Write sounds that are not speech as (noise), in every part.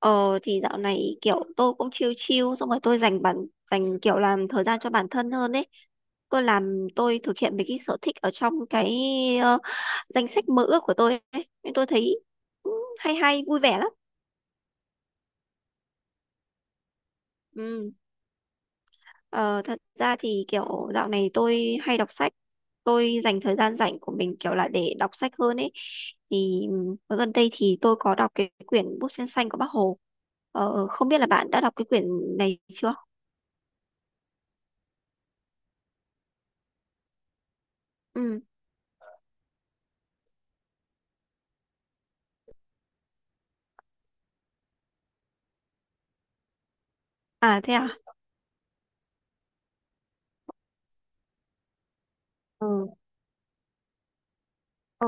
Ờ thì dạo này kiểu tôi cũng chill chill xong rồi tôi dành bản dành kiểu làm thời gian cho bản thân hơn ấy. Tôi thực hiện mấy cái sở thích ở trong cái ờ, danh sách mơ ước của tôi ấy. Nên tôi thấy hay hay vui vẻ lắm. Ừ. Ờ, Thật ra thì kiểu dạo này tôi hay đọc sách. Tôi dành thời gian rảnh của mình kiểu là để đọc sách hơn ấy. Thì ở gần đây thì tôi có đọc cái quyển Bút Sen Xanh của Bác Hồ. Không biết là bạn đã đọc cái quyển này chưa? Ừ. À thế à? Ừ. Ờ,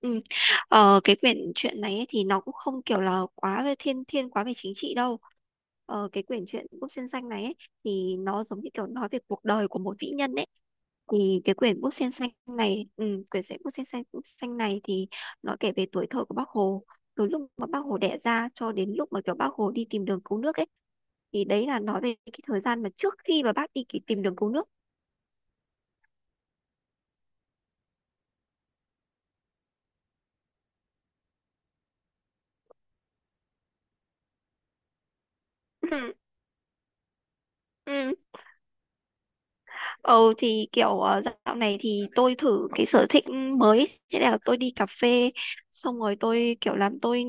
ừ. Cái quyển truyện này ấy, thì nó cũng không kiểu là quá về thiên thiên quá về chính trị đâu. Cái quyển truyện Búp Sen Xanh này ấy, thì nó giống như kiểu nói về cuộc đời của một vĩ nhân ấy. Thì cái quyển Búp Sen Xanh này, quyển sách Búp Sen Xanh này thì nó kể về tuổi thơ của Bác Hồ. Từ lúc mà Bác Hồ đẻ ra cho đến lúc mà kiểu Bác Hồ đi tìm đường cứu nước ấy. Thì đấy là nói về cái thời gian mà trước khi mà bác đi tìm đường cứu nước. Ừ, ừ. Ừ thì kiểu dạo này thì tôi thử cái sở thích mới, thế là tôi đi cà phê xong rồi tôi kiểu làm tôi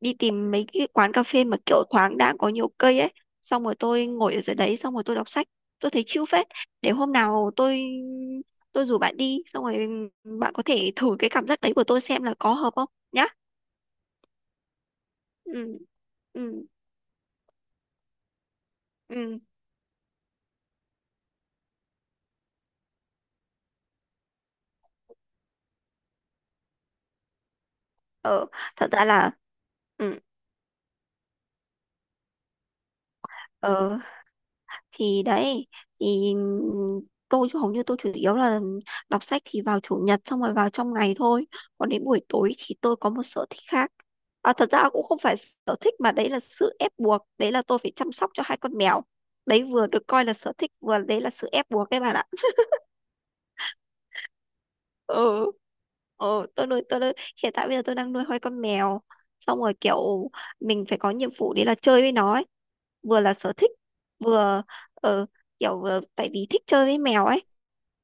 đi tìm mấy cái quán cà phê mà kiểu thoáng đãng có nhiều cây ấy xong rồi tôi ngồi ở dưới đấy xong rồi tôi đọc sách, tôi thấy chill phết. Để hôm nào tôi rủ bạn đi xong rồi bạn có thể thử cái cảm giác đấy của tôi xem là có hợp không nhá. Ừ, ừ, ừ. ờ Thật ra là. Ừ. ờ thì đấy thì tôi chứ hầu như tôi chủ yếu là đọc sách thì vào chủ nhật xong rồi vào trong ngày thôi. Còn đến buổi tối thì tôi có một sở thích khác. À, thật ra cũng không phải sở thích mà đấy là sự ép buộc, đấy là tôi phải chăm sóc cho hai con mèo. Đấy vừa được coi là sở thích vừa đấy là sự ép buộc các bạn ạ. (laughs) Ừ, ừ. Tôi nuôi Hiện tại bây giờ tôi đang nuôi hai con mèo xong rồi kiểu mình phải có nhiệm vụ đấy là chơi với nó ấy, vừa là sở thích vừa ờ, kiểu vừa, tại vì thích chơi với mèo ấy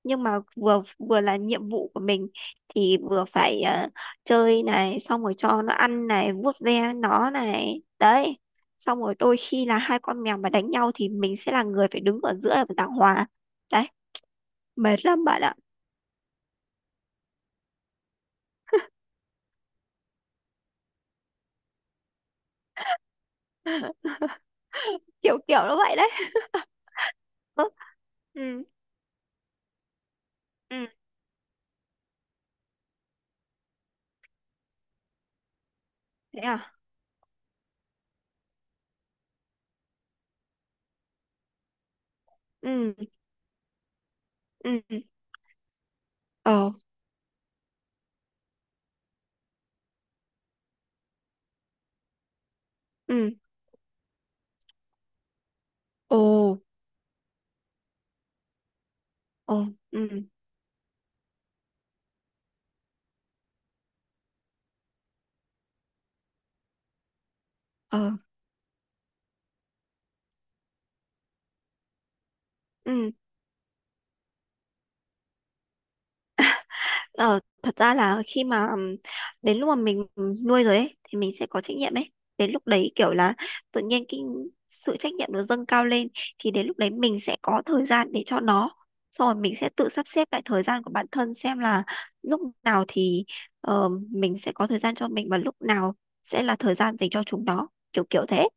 nhưng mà vừa vừa là nhiệm vụ của mình. Thì vừa phải chơi này xong rồi cho nó ăn này, vuốt ve nó này đấy, xong rồi đôi khi là hai con mèo mà đánh nhau thì mình sẽ là người phải đứng ở giữa và giảng hòa đấy, mệt lắm bạn ạ. (laughs) Kiểu kiểu nó vậy đấy. Ừ, ừ, ừ, thế à? Ừ, ừ, ừ. Ờ. Ừ. Ồ. Ồ. Ừ. Ờ. Ừ. Ờ, thật ra là khi mà đến lúc mà mình nuôi rồi ấy thì mình sẽ có trách nhiệm ấy. Đến lúc đấy kiểu là tự nhiên cái sự trách nhiệm nó dâng cao lên, thì đến lúc đấy mình sẽ có thời gian để cho nó. Xong rồi mình sẽ tự sắp xếp lại thời gian của bản thân xem là lúc nào thì mình sẽ có thời gian cho mình, và lúc nào sẽ là thời gian dành cho chúng nó. Kiểu kiểu thế.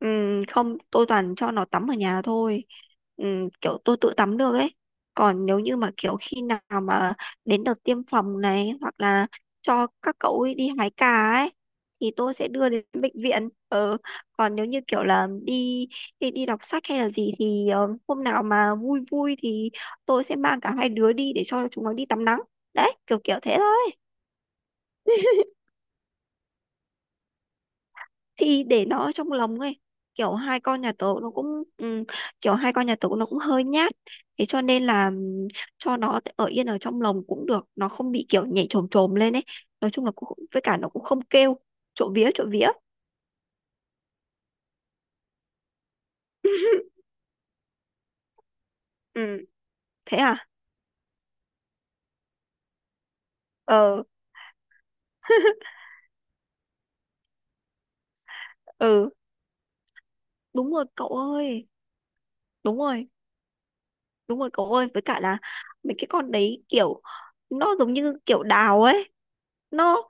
Ừ, không tôi toàn cho nó tắm ở nhà thôi, ừ, kiểu tôi tự tắm được ấy. Còn nếu như mà kiểu khi nào mà đến đợt tiêm phòng này hoặc là cho các cậu ấy đi hái cà ấy thì tôi sẽ đưa đến bệnh viện. Ờ, Còn nếu như kiểu là đi đi đi đọc sách hay là gì thì hôm nào mà vui vui thì tôi sẽ mang cả hai đứa đi để cho chúng nó đi tắm nắng, đấy kiểu kiểu thế thôi. Thì để nó ở trong lòng ấy, kiểu hai con nhà tớ nó cũng ừ, kiểu hai con nhà tớ nó cũng hơi nhát, thế cho nên là cho nó ở yên ở trong lồng cũng được, nó không bị kiểu nhảy chồm chồm lên ấy. Nói chung là cũng với cả nó cũng không kêu, trộm vía trộm vía. (laughs) Ừ. Thế à? Ờ. (laughs) Ừ, đúng rồi cậu ơi. Đúng rồi. Đúng rồi cậu ơi, với cả là mấy cái con đấy kiểu nó giống như kiểu đào ấy. Nó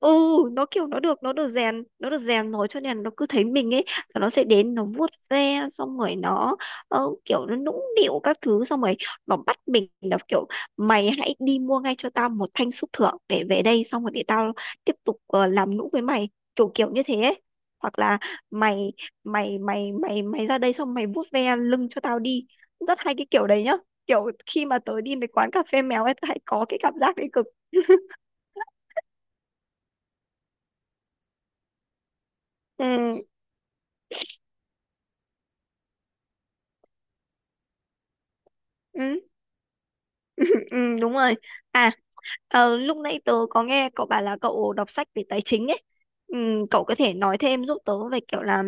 ừ nó kiểu nó được rèn rồi cho nên nó cứ thấy mình ấy là nó sẽ đến nó vuốt ve xong rồi nó kiểu nó nũng nịu các thứ xong rồi nó bắt mình là kiểu: mày hãy đi mua ngay cho tao một thanh xúc thưởng để về đây xong rồi để tao tiếp tục làm nũng với mày, kiểu kiểu như thế ấy. Hoặc là mày mày mày mày mày ra đây xong mày vuốt ve lưng cho tao đi. Rất hay cái kiểu đấy nhá, kiểu khi mà tớ đi mấy quán cà phê mèo ấy tớ hay có cái cảm giác đấy cực. (laughs) Ừ, ừ, ừ, đúng rồi. À. Lúc nãy tớ có nghe cậu bảo là cậu đọc sách về tài chính ấy. Ừ, cậu có thể nói thêm giúp tớ về kiểu là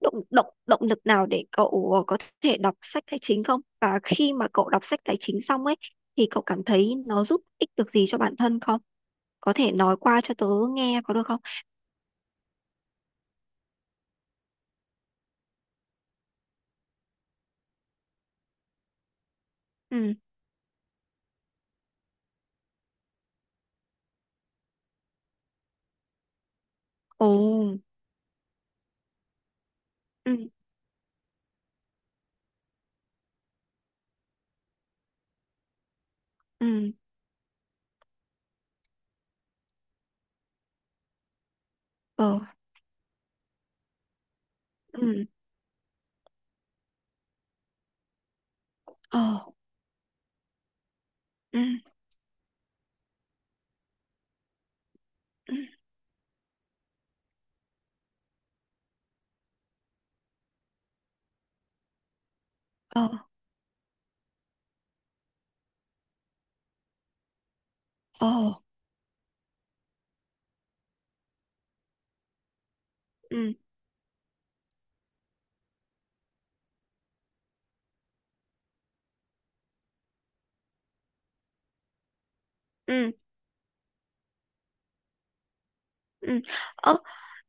động động động lực nào để cậu có thể đọc sách tài chính không, và khi mà cậu đọc sách tài chính xong ấy thì cậu cảm thấy nó giúp ích được gì cho bản thân không, có thể nói qua cho tớ nghe có được không? Ừ. Ồ. Ừ. Ừ. Ờ. Ừ. Ồ, ừ, ừ, ồ, ồ, ừ, ừ, ừ. Ơ,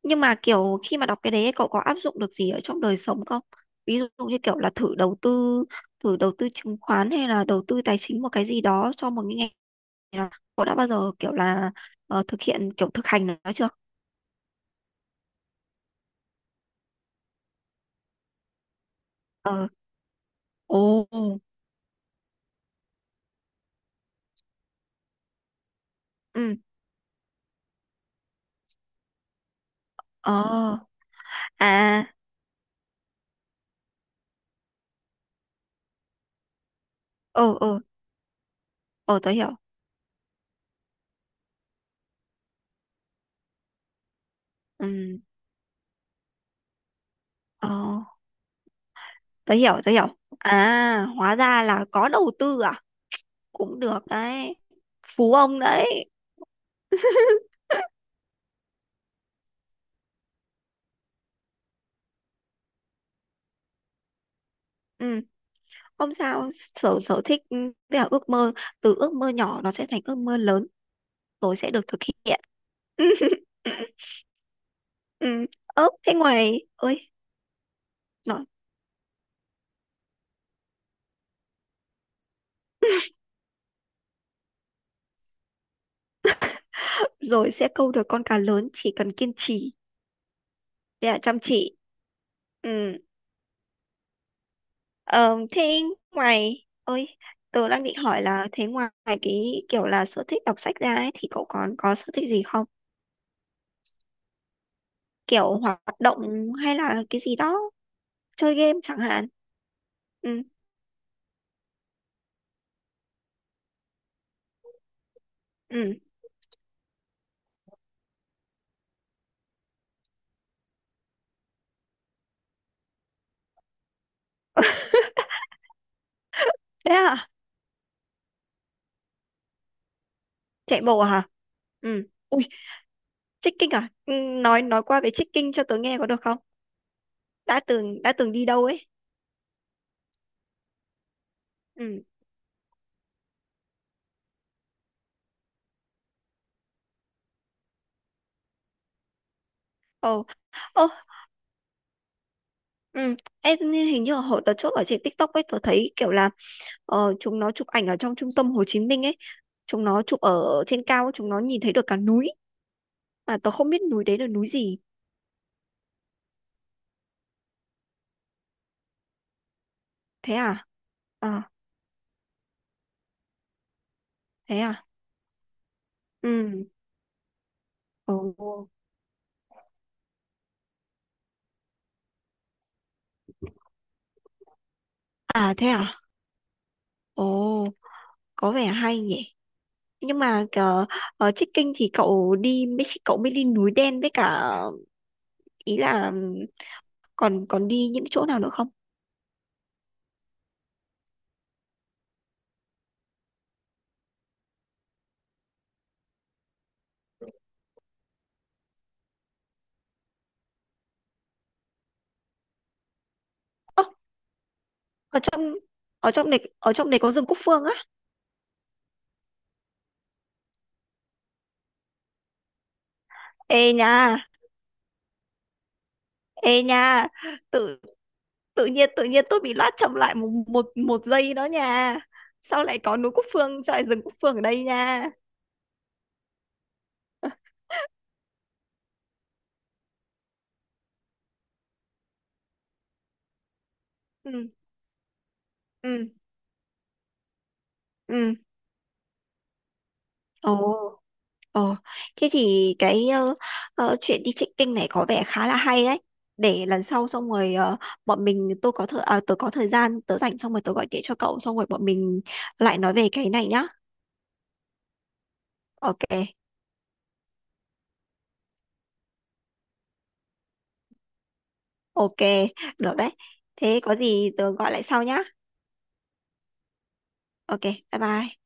nhưng mà kiểu khi mà đọc cái đấy cậu có áp dụng được gì ở trong đời sống không? Ví dụ như kiểu là thử đầu tư chứng khoán hay là đầu tư tài chính một cái gì đó cho một cái ngành nào. Cậu đã bao giờ kiểu là thực hiện kiểu thực hành nó chưa? Ờ, ồ, ừ, ờ, à, ờ, ờ, ờ, tớ hiểu, ừ, ờ, tớ hiểu, tớ hiểu. À, hóa ra là có đầu tư à, cũng được đấy, phú ông đấy. Ừ, không sao, sở sở thích, ừ, với cả ước mơ, từ ước mơ nhỏ nó sẽ thành ước mơ lớn rồi sẽ được thực hiện. (laughs) Ừ, ừ, ừ. Ơ, thế ngoài ơi nói. (laughs) Rồi sẽ câu được con cá lớn, chỉ cần kiên trì với cả chăm chỉ. Ừ. ờ, Thế ngoài ơi, tớ đang định hỏi là thế ngoài cái kiểu là sở thích đọc sách ra ấy, thì cậu còn có sở thích gì không, kiểu hoạt động hay là cái gì đó, chơi game chẳng hạn. Ừ, ừ, thế à? Chạy bộ à hả? Ừ. Ui, trekking à? Ừ, nói qua về trekking cho tớ nghe có được không? Đã từng đi đâu ấy? Ừ. Ồ. Ồ. Ừ. Em hình như hồi đợt trước ở trên TikTok ấy tớ thấy kiểu là chúng nó chụp ảnh ở trong trung tâm Hồ Chí Minh ấy, chúng nó chụp ở trên cao chúng nó nhìn thấy được cả núi mà tớ không biết núi đấy là núi gì. Thế à? À thế à? Ừ. Ồ. À thế à? Ồ, có vẻ hay nhỉ. Nhưng mà ở trekking thì cậu đi Mexico cậu mới đi núi đen với cả ý là còn còn đi những chỗ nào nữa không? Ơ, ở trong ở trong này có rừng Cúc Phương á. Ê nha, ê nha. Tự tự nhiên tôi bị lát chậm lại một một một giây đó nha. Sao lại có núi Cúc Phương, sao lại rừng Cúc Phương ở đây nha. Ừ, ừ, ừ. Ồ. Ờ, Thế thì cái chuyện đi trekking này có vẻ khá là hay đấy. Để lần sau xong rồi bọn mình tôi có thời à, tôi có thời gian tớ rảnh xong rồi tớ gọi điện cho cậu xong rồi bọn mình lại nói về cái này nhá. Ok, ok, được đấy. Thế có gì tớ gọi lại sau nhá. Ok, bye bye.